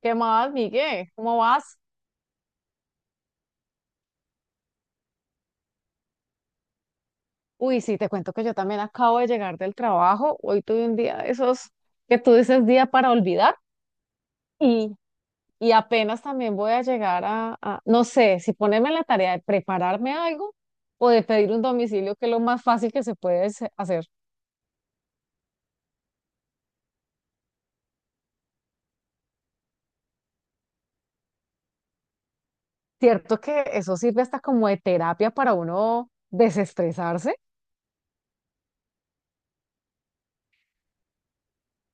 ¿Qué más, Miguel? ¿Cómo vas? Uy, sí, te cuento que yo también acabo de llegar del trabajo. Hoy tuve un día de esos que tú dices día para olvidar y, y apenas también voy a llegar no sé, si ponerme en la tarea de prepararme algo o de pedir un domicilio, que es lo más fácil que se puede hacer. Cierto que eso sirve hasta como de terapia para uno desestresarse.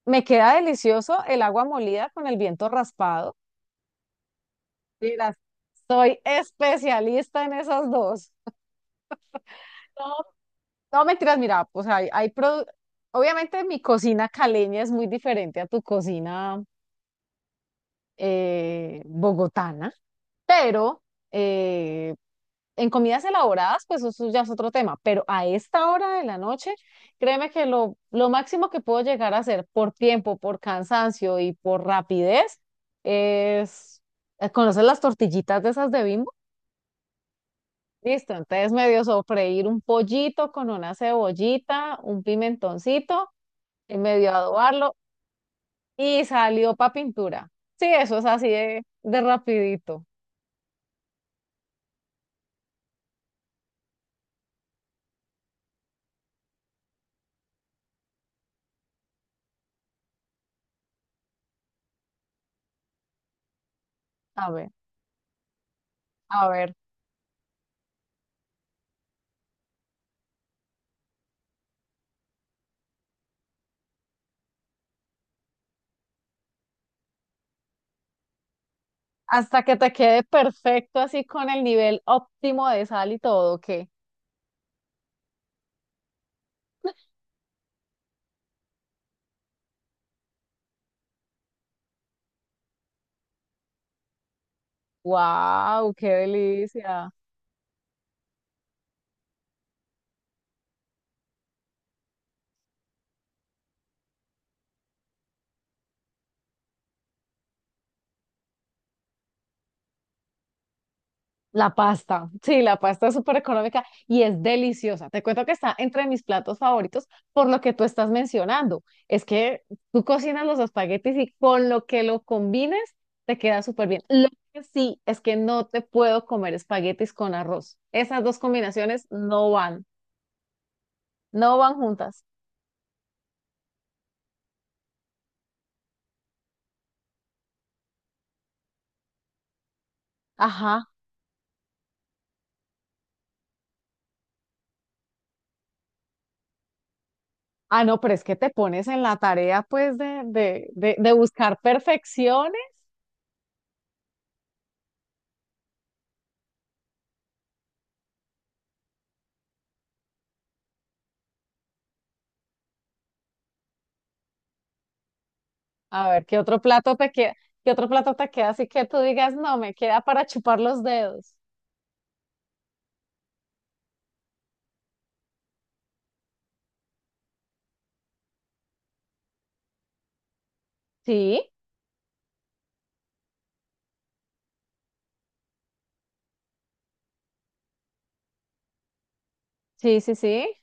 Me queda delicioso el agua molida con el viento raspado. Mira, soy especialista en esas dos. No, no, mentiras, mira, pues obviamente mi cocina caleña es muy diferente a tu cocina bogotana, pero eh, en comidas elaboradas, pues eso ya es otro tema, pero a esta hora de la noche, créeme que lo máximo que puedo llegar a hacer por tiempo, por cansancio y por rapidez es, ¿conoces las tortillitas de esas de Bimbo? Listo, entonces medio sofreír un pollito con una cebollita, un pimentoncito y medio a adobarlo y salió para pintura. Sí, eso es así de rapidito. A ver, a ver, hasta que te quede perfecto así con el nivel óptimo de sal y todo, qué wow, qué delicia. La pasta, sí, la pasta es súper económica y es deliciosa. Te cuento que está entre mis platos favoritos por lo que tú estás mencionando. Es que tú cocinas los espaguetis y con lo que lo combines te queda súper bien. Lo que sí es que no te puedo comer espaguetis con arroz. Esas dos combinaciones no van, no van juntas. Ajá. Ah, no, pero es que te pones en la tarea pues de buscar perfecciones. A ver, ¿qué otro plato te queda? ¿Qué otro plato te queda así que tú digas, no, me queda para chupar los dedos? Sí, sí, sí, sí,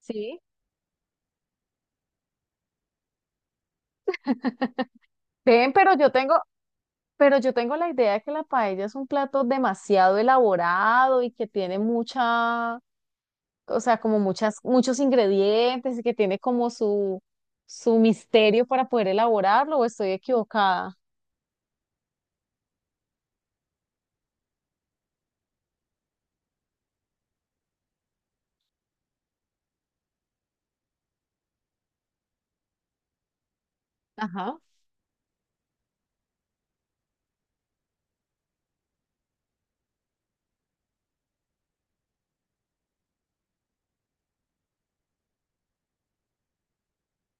sí. Ven, pero yo tengo la idea de que la paella es un plato demasiado elaborado y que tiene mucha, o sea, como muchas, muchos ingredientes y que tiene como su misterio para poder elaborarlo, o estoy equivocada. Ajá.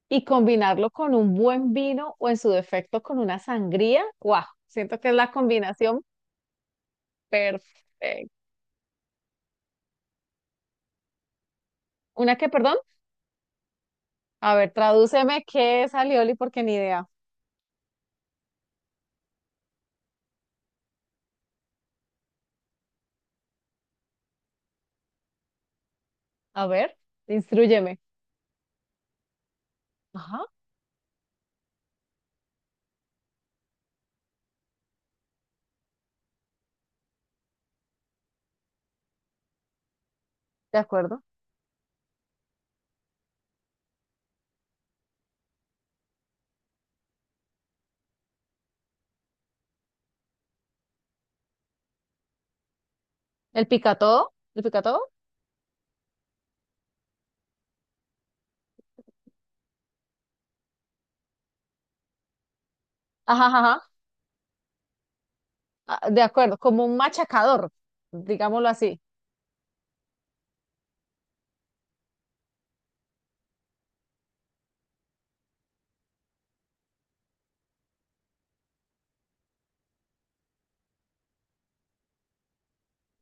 Y combinarlo con un buen vino o en su defecto con una sangría, guau, siento que es la combinación. Perfecto. ¿Una qué, perdón? A ver, tradúceme qué es alioli porque ni idea. A ver, instrúyeme. Ajá, de acuerdo. ¿El picatodo? ¿El picatodo? Ajá, ajá, ajá. Ah, de acuerdo, como un machacador, digámoslo así.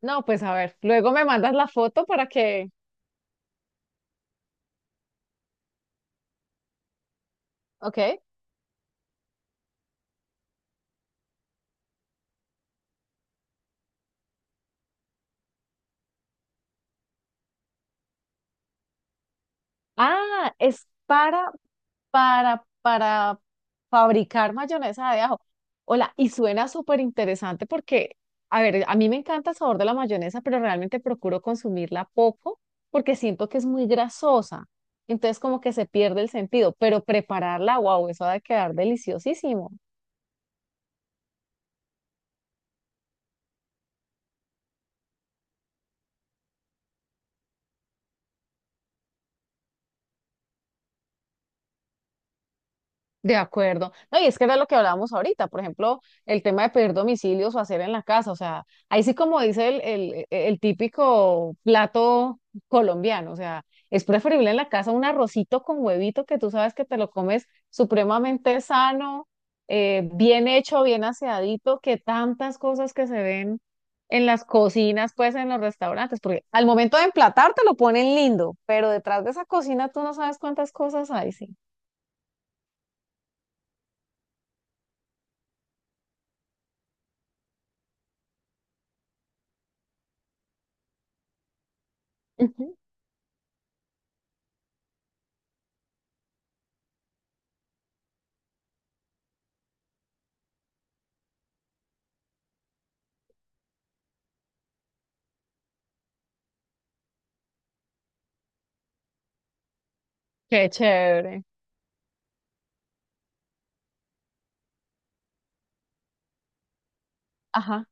No, pues a ver, luego me mandas la foto para que... Ok. Ah, es para fabricar mayonesa de ajo. Hola, y suena súper interesante porque, a ver, a mí me encanta el sabor de la mayonesa, pero realmente procuro consumirla poco porque siento que es muy grasosa. Entonces como que se pierde el sentido, pero prepararla, wow, eso ha de quedar deliciosísimo. De acuerdo. No, y es que era lo que hablábamos ahorita, por ejemplo, el tema de pedir domicilios o hacer en la casa, o sea, ahí sí como dice el típico plato colombiano, o sea, es preferible en la casa un arrocito con huevito que tú sabes que te lo comes supremamente sano, bien hecho, bien aseadito, que tantas cosas que se ven en las cocinas, pues en los restaurantes, porque al momento de emplatar te lo ponen lindo, pero detrás de esa cocina tú no sabes cuántas cosas hay, sí. Qué chévere. Ajá.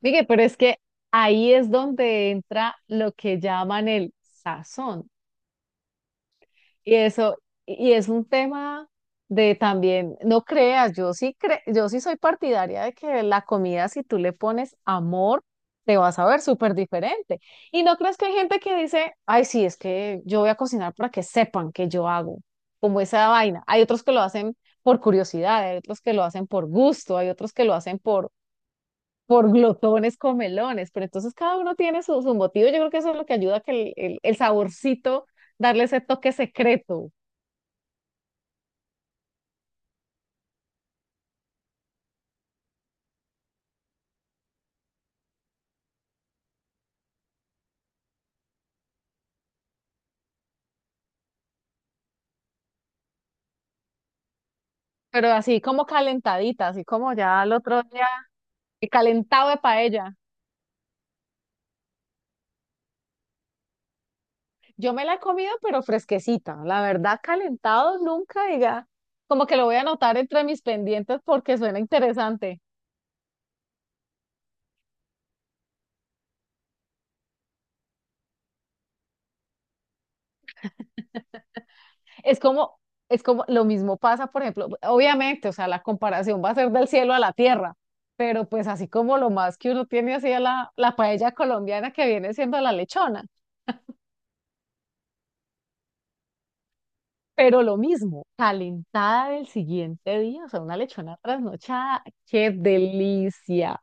Miguel, pero es que ahí es donde entra lo que llaman el sazón. Y eso, y es un tema de también, no creas, yo sí soy partidaria de que la comida, si tú le pones amor, te vas a ver súper diferente. Y no creas que hay gente que dice, ay, sí, es que yo voy a cocinar para que sepan que yo hago, como esa vaina. Hay otros que lo hacen por curiosidad, hay otros que lo hacen por gusto, hay otros que lo hacen por glotones comelones, pero entonces cada uno tiene su, su motivo. Yo creo que eso es lo que ayuda a que el saborcito, darle ese toque secreto, pero así como calentadita, así como ya el otro día, el calentado de paella. Yo me la he comido, pero fresquecita. La verdad, calentado nunca, diga, como que lo voy a anotar entre mis pendientes porque suena interesante. Es como, es como lo mismo pasa, por ejemplo, obviamente, o sea, la comparación va a ser del cielo a la tierra, pero pues así como lo más que uno tiene así a la paella colombiana que viene siendo la lechona, pero lo mismo, calentada del siguiente día, o sea, una lechona trasnochada, qué delicia.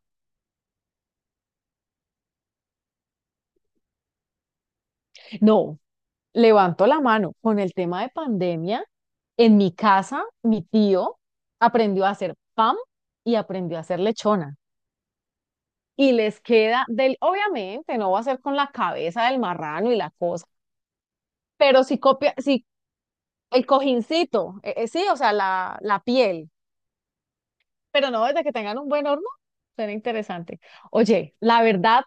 No, levanto la mano, con el tema de pandemia, en mi casa, mi tío aprendió a hacer pan y aprendió a hacer lechona. Y les queda del, obviamente no va a ser con la cabeza del marrano y la cosa, pero si copia, si el cojincito, sí, o sea, la piel, pero no desde que tengan un buen horno, suena interesante. Oye, la verdad,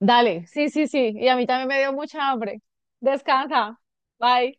dale, sí, sí, sí, y a mí también me dio mucha hambre. Descansa, bye.